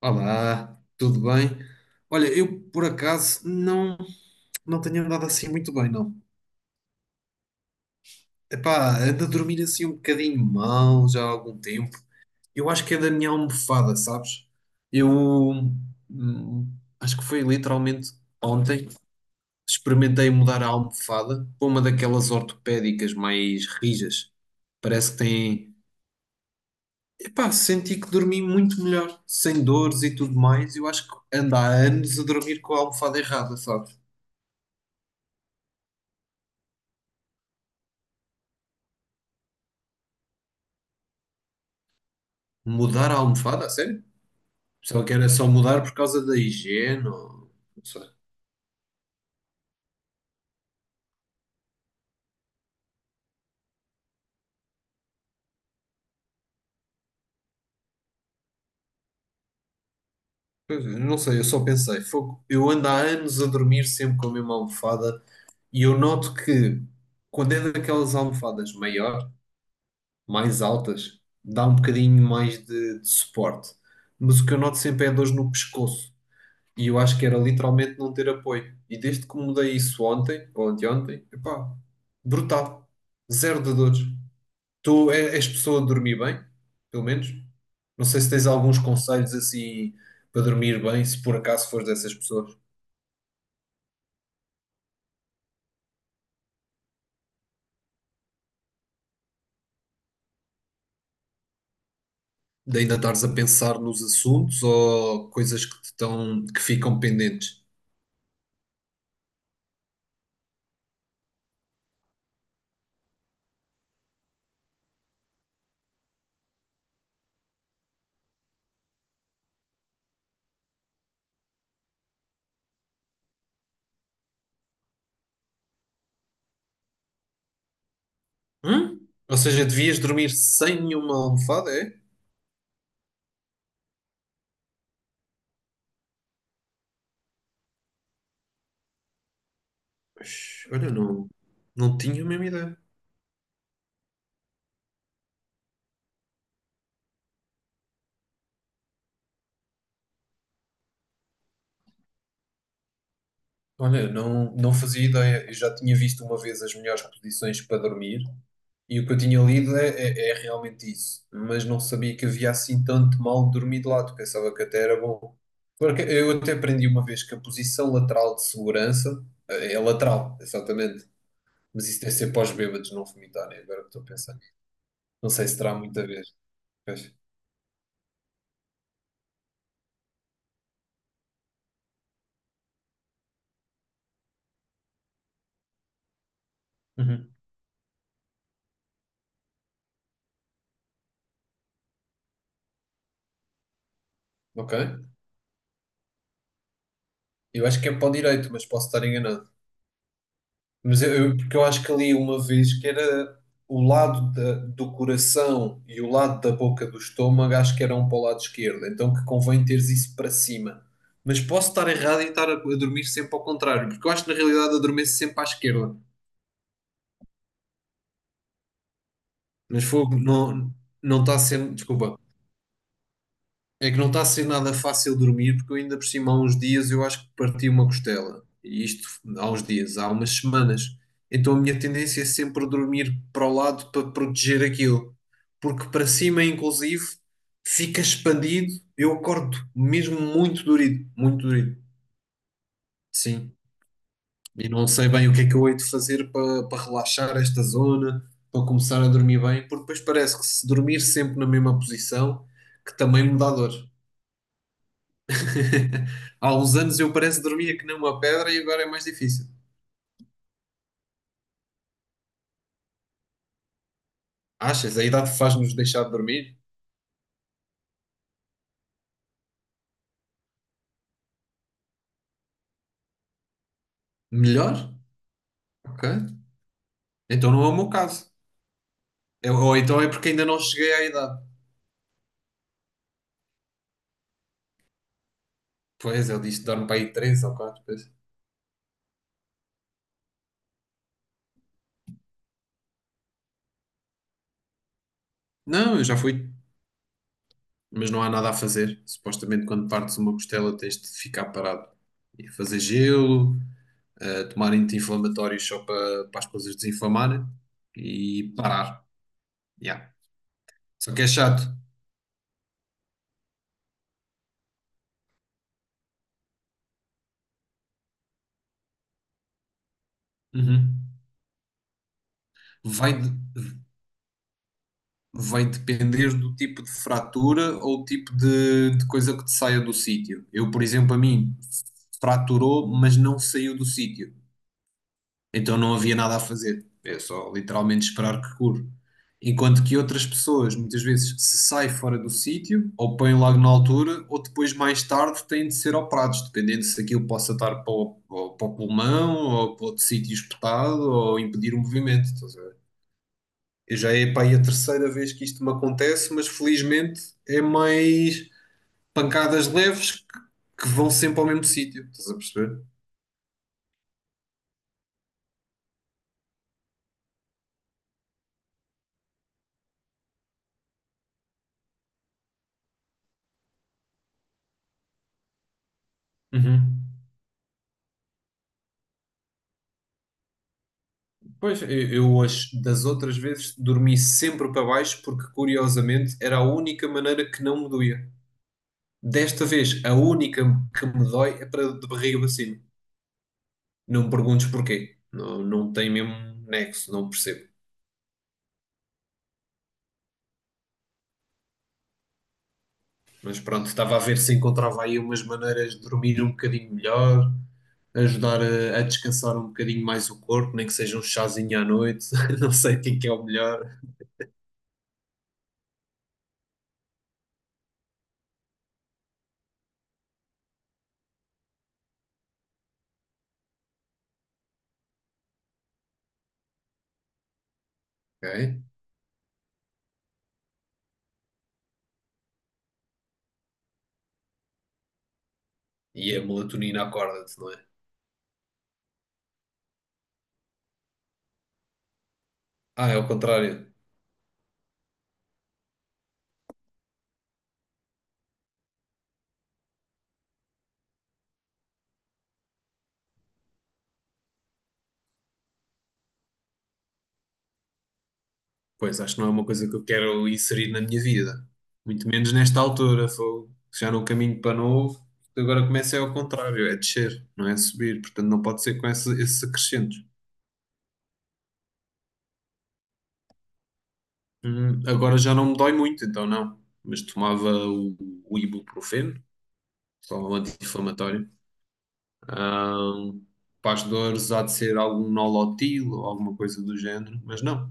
Olá, tudo bem? Olha, eu por acaso não tenho andado assim muito bem, não. Epá, ando a dormir assim um bocadinho mal já há algum tempo. Eu acho que é da minha almofada, sabes? Eu hum, Acho que foi literalmente ontem experimentei mudar a almofada para uma daquelas ortopédicas mais rijas. Parece que tem. Epá, senti que dormi muito melhor, sem dores e tudo mais. Eu acho que ando há anos a dormir com a almofada errada, sabes? Mudar a almofada, a sério? Pensava que era só mudar por causa da higiene, não sei. Pois é, não sei, eu só pensei, fogo, eu ando há anos a dormir sempre com a mesma almofada e eu noto que quando é daquelas almofadas maior, mais altas, dá um bocadinho mais de suporte. Mas o que eu noto sempre é dores no pescoço e eu acho que era literalmente não ter apoio. E desde que mudei isso ontem, ou anteontem, epá, brutal. Zero de dores. Tu és pessoa de dormir bem, pelo menos? Não sei se tens alguns conselhos assim para dormir bem, se por acaso fores dessas pessoas. De ainda estares a pensar nos assuntos ou coisas que te estão, que ficam pendentes. Hum? Ou seja, devias dormir sem nenhuma almofada, é? Pois, olha, não, não tinha a mesma ideia. Olha, eu não, não fazia ideia. Eu já tinha visto uma vez as melhores posições para dormir e o que eu tinha lido é realmente isso. Mas não sabia que havia assim tanto mal de dormir de lado. Pensava que até era bom. Porque eu até aprendi uma vez que a posição lateral de segurança é lateral, exatamente. Mas isso deve ser para os bêbados não vomitarem, agora que estou a pensar. Não sei se terá muita vez. Pois. Uhum. Ok. Eu acho que é para o direito, mas posso estar enganado. Mas porque eu acho que ali uma vez que era do coração e o lado da boca do estômago, acho que eram para o lado esquerdo, então que convém teres isso para cima. Mas posso estar errado em estar a dormir sempre ao contrário, porque eu acho que na realidade adormeço sempre à esquerda. Mas fogo, não, não está sendo, desculpa. É que não está a ser nada fácil dormir, porque eu ainda por cima há uns dias eu acho que parti uma costela. E isto há uns dias, há umas semanas. Então a minha tendência é sempre dormir para o lado para proteger aquilo. Porque para cima, inclusive, fica expandido. Eu acordo mesmo muito dorido, muito dorido. Sim. E não sei bem o que é que eu hei de fazer para, para relaxar esta zona, para começar a dormir bem, porque depois parece que se dormir sempre na mesma posição, que também me dá dor. Há uns anos eu parece que dormia que nem uma pedra e agora é mais difícil. Achas? A idade faz-nos deixar de dormir? Melhor? Ok. Então não é o meu caso. Ou então é porque ainda não cheguei à idade. Pois, ele disse que dorme para aí três ou 4 vezes. Não, eu já fui. Mas não há nada a fazer. Supostamente quando partes uma costela tens de ficar parado. E fazer gelo, tomar anti-inflamatórios só para, para as coisas desinflamarem e parar. Yeah. Só que é chato. Uhum. Vai, de- vai depender do tipo de fratura ou tipo de coisa que te saia do sítio. Eu, por exemplo, a mim fraturou, mas não saiu do sítio. Então não havia nada a fazer. É só literalmente esperar que cure. Enquanto que outras pessoas, muitas vezes, se sai fora do sítio, ou põem logo na altura, ou depois, mais tarde, têm de ser operados, dependendo se aquilo possa estar para para pulmão, ou para outro sítio espetado, ou impedir o movimento. Estás a ver? Eu já é, pá, aí a terceira vez que isto me acontece, mas felizmente é mais pancadas leves que vão sempre ao mesmo sítio. Estás a perceber? Uhum. Pois, das outras vezes dormi sempre para baixo porque, curiosamente, era a única maneira que não me doía. Desta vez, a única que me dói é para de barriga para cima. Não me perguntes porquê. Não, não tem mesmo nexo, não percebo. Mas pronto, estava a ver se encontrava aí umas maneiras de dormir um bocadinho melhor, ajudar a descansar um bocadinho mais o corpo, nem que seja um chazinho à noite, não sei quem que é o melhor. Ok? E a melatonina acorda-te, não é? Ah, é o contrário. Pois, acho que não é uma coisa que eu quero inserir na minha vida. Muito menos nesta altura, fogo. Já no caminho para novo, agora começa é ao contrário, é descer, não é subir. Portanto, não pode ser com esse acrescento. Agora já não me dói muito, então não. Mas tomava o ibuprofeno, só um anti-inflamatório. Ahm, para as dores há de ser algum nolotil ou alguma coisa do género, mas não.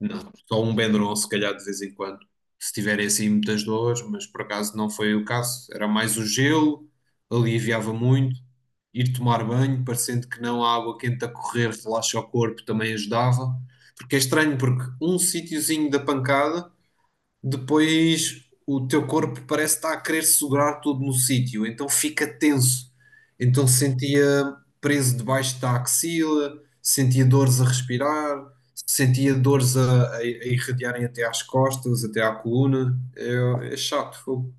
Não, só um Benuron se calhar de vez em quando. Se tiverem assim muitas dores, mas por acaso não foi o caso. Era mais o gelo, aliviava muito. Ir tomar banho, parecendo que não, a água quente a correr relaxa o corpo, também ajudava. Porque é estranho, porque um sítiozinho da pancada depois o teu corpo parece estar a querer segurar tudo no sítio, então fica tenso. Então sentia preso debaixo da axila, sentia dores a respirar, sentia dores a irradiarem até às costas, até à coluna. É, é chato, fogo.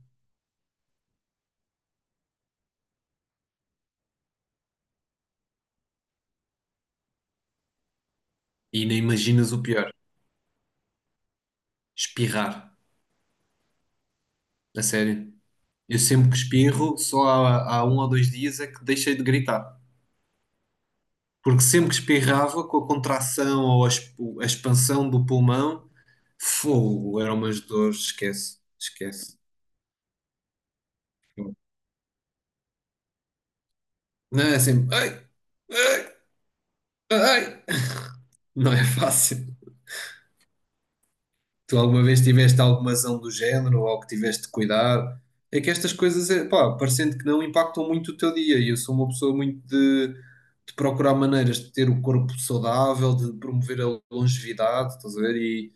E nem imaginas o pior, espirrar. A sério. Eu sempre que espirro, só há um ou dois dias é que deixei de gritar. Porque sempre que espirrava, com a contração ou a a expansão do pulmão, fogo, eram umas dores, esquece, esquece. Não é sempre. Ai, ai, ai. Não é fácil. Tu alguma vez tiveste alguma zão do género ou algo que tiveste de cuidar? É que estas coisas, é, pá, parecendo que não, impactam muito o teu dia. E eu sou uma pessoa muito de procurar maneiras de ter o corpo saudável, de promover a longevidade, estás a ver? E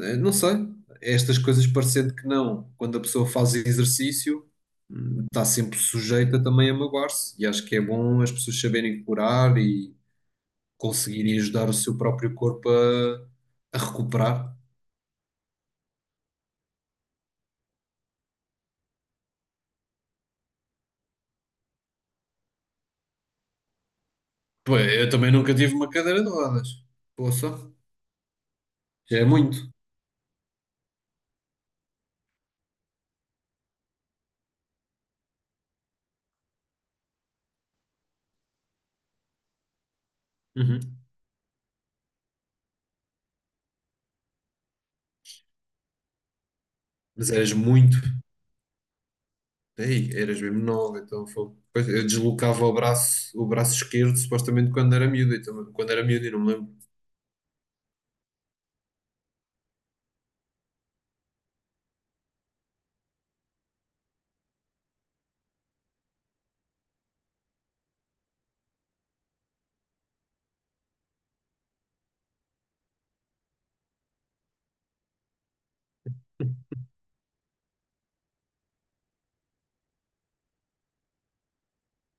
não sei, é estas coisas parecendo que não, quando a pessoa faz exercício. Está sempre sujeita também a magoar-se. E acho que é bom as pessoas saberem curar e conseguirem ajudar o seu próprio corpo a recuperar. Pô, eu também nunca tive uma cadeira de rodas. Poça, já é muito. Uhum. Mas eras muito. Ei, eras mesmo nova, então foi. Pois, eu deslocava o braço esquerdo, supostamente quando era miúdo. Então, quando era miúdo, eu não me lembro.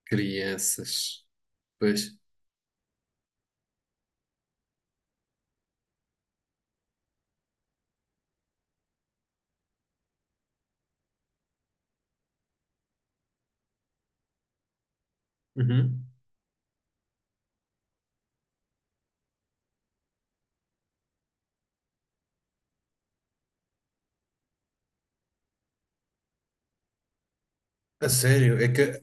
Crianças. Pois. Uhum. A sério,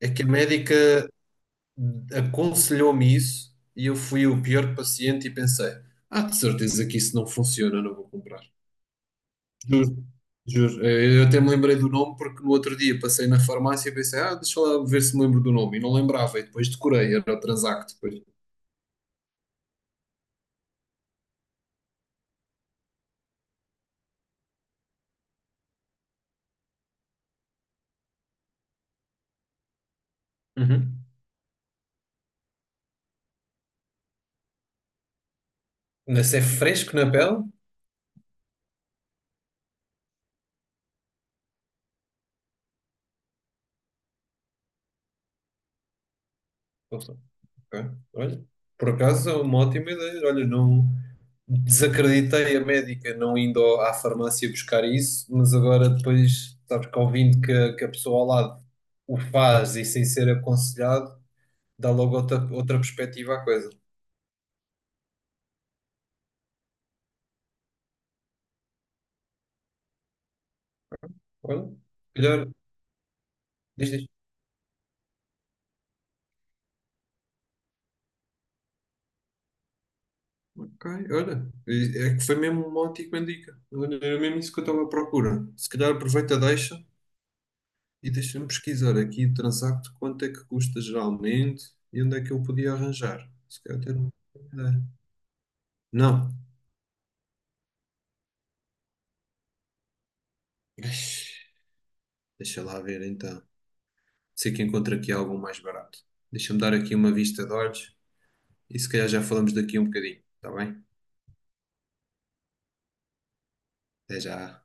é que a médica aconselhou-me isso e eu fui o pior paciente e pensei, ah, de certeza que isso não funciona, não vou comprar. Juro, juro. Eu até me lembrei do nome porque no outro dia passei na farmácia e pensei, ah, deixa lá ver se me lembro do nome. E não lembrava, e depois decorei, era o Transact depois. Uhum. Mas é fresco na pele? Ok. Olha, por acaso é uma ótima ideia. Olha, não desacreditei a médica não indo à farmácia buscar isso, mas agora depois, sabes que ouvindo a que a pessoa ao lado o faz e sem ser aconselhado, dá logo outra, outra perspectiva à coisa. Olha, melhor, diz, diz. Ok, olha, é que foi mesmo uma ótima dica. Olha, era mesmo isso que eu estava à procura. Se calhar aproveita, a deixa. E deixa-me pesquisar aqui o Transacto, quanto é que custa geralmente e onde é que eu podia arranjar? Se calhar ter uma ideia. Não, deixa lá ver então. Sei que encontro aqui algo mais barato. Deixa-me dar aqui uma vista de olhos e se calhar já falamos daqui um bocadinho, está bem? Até já.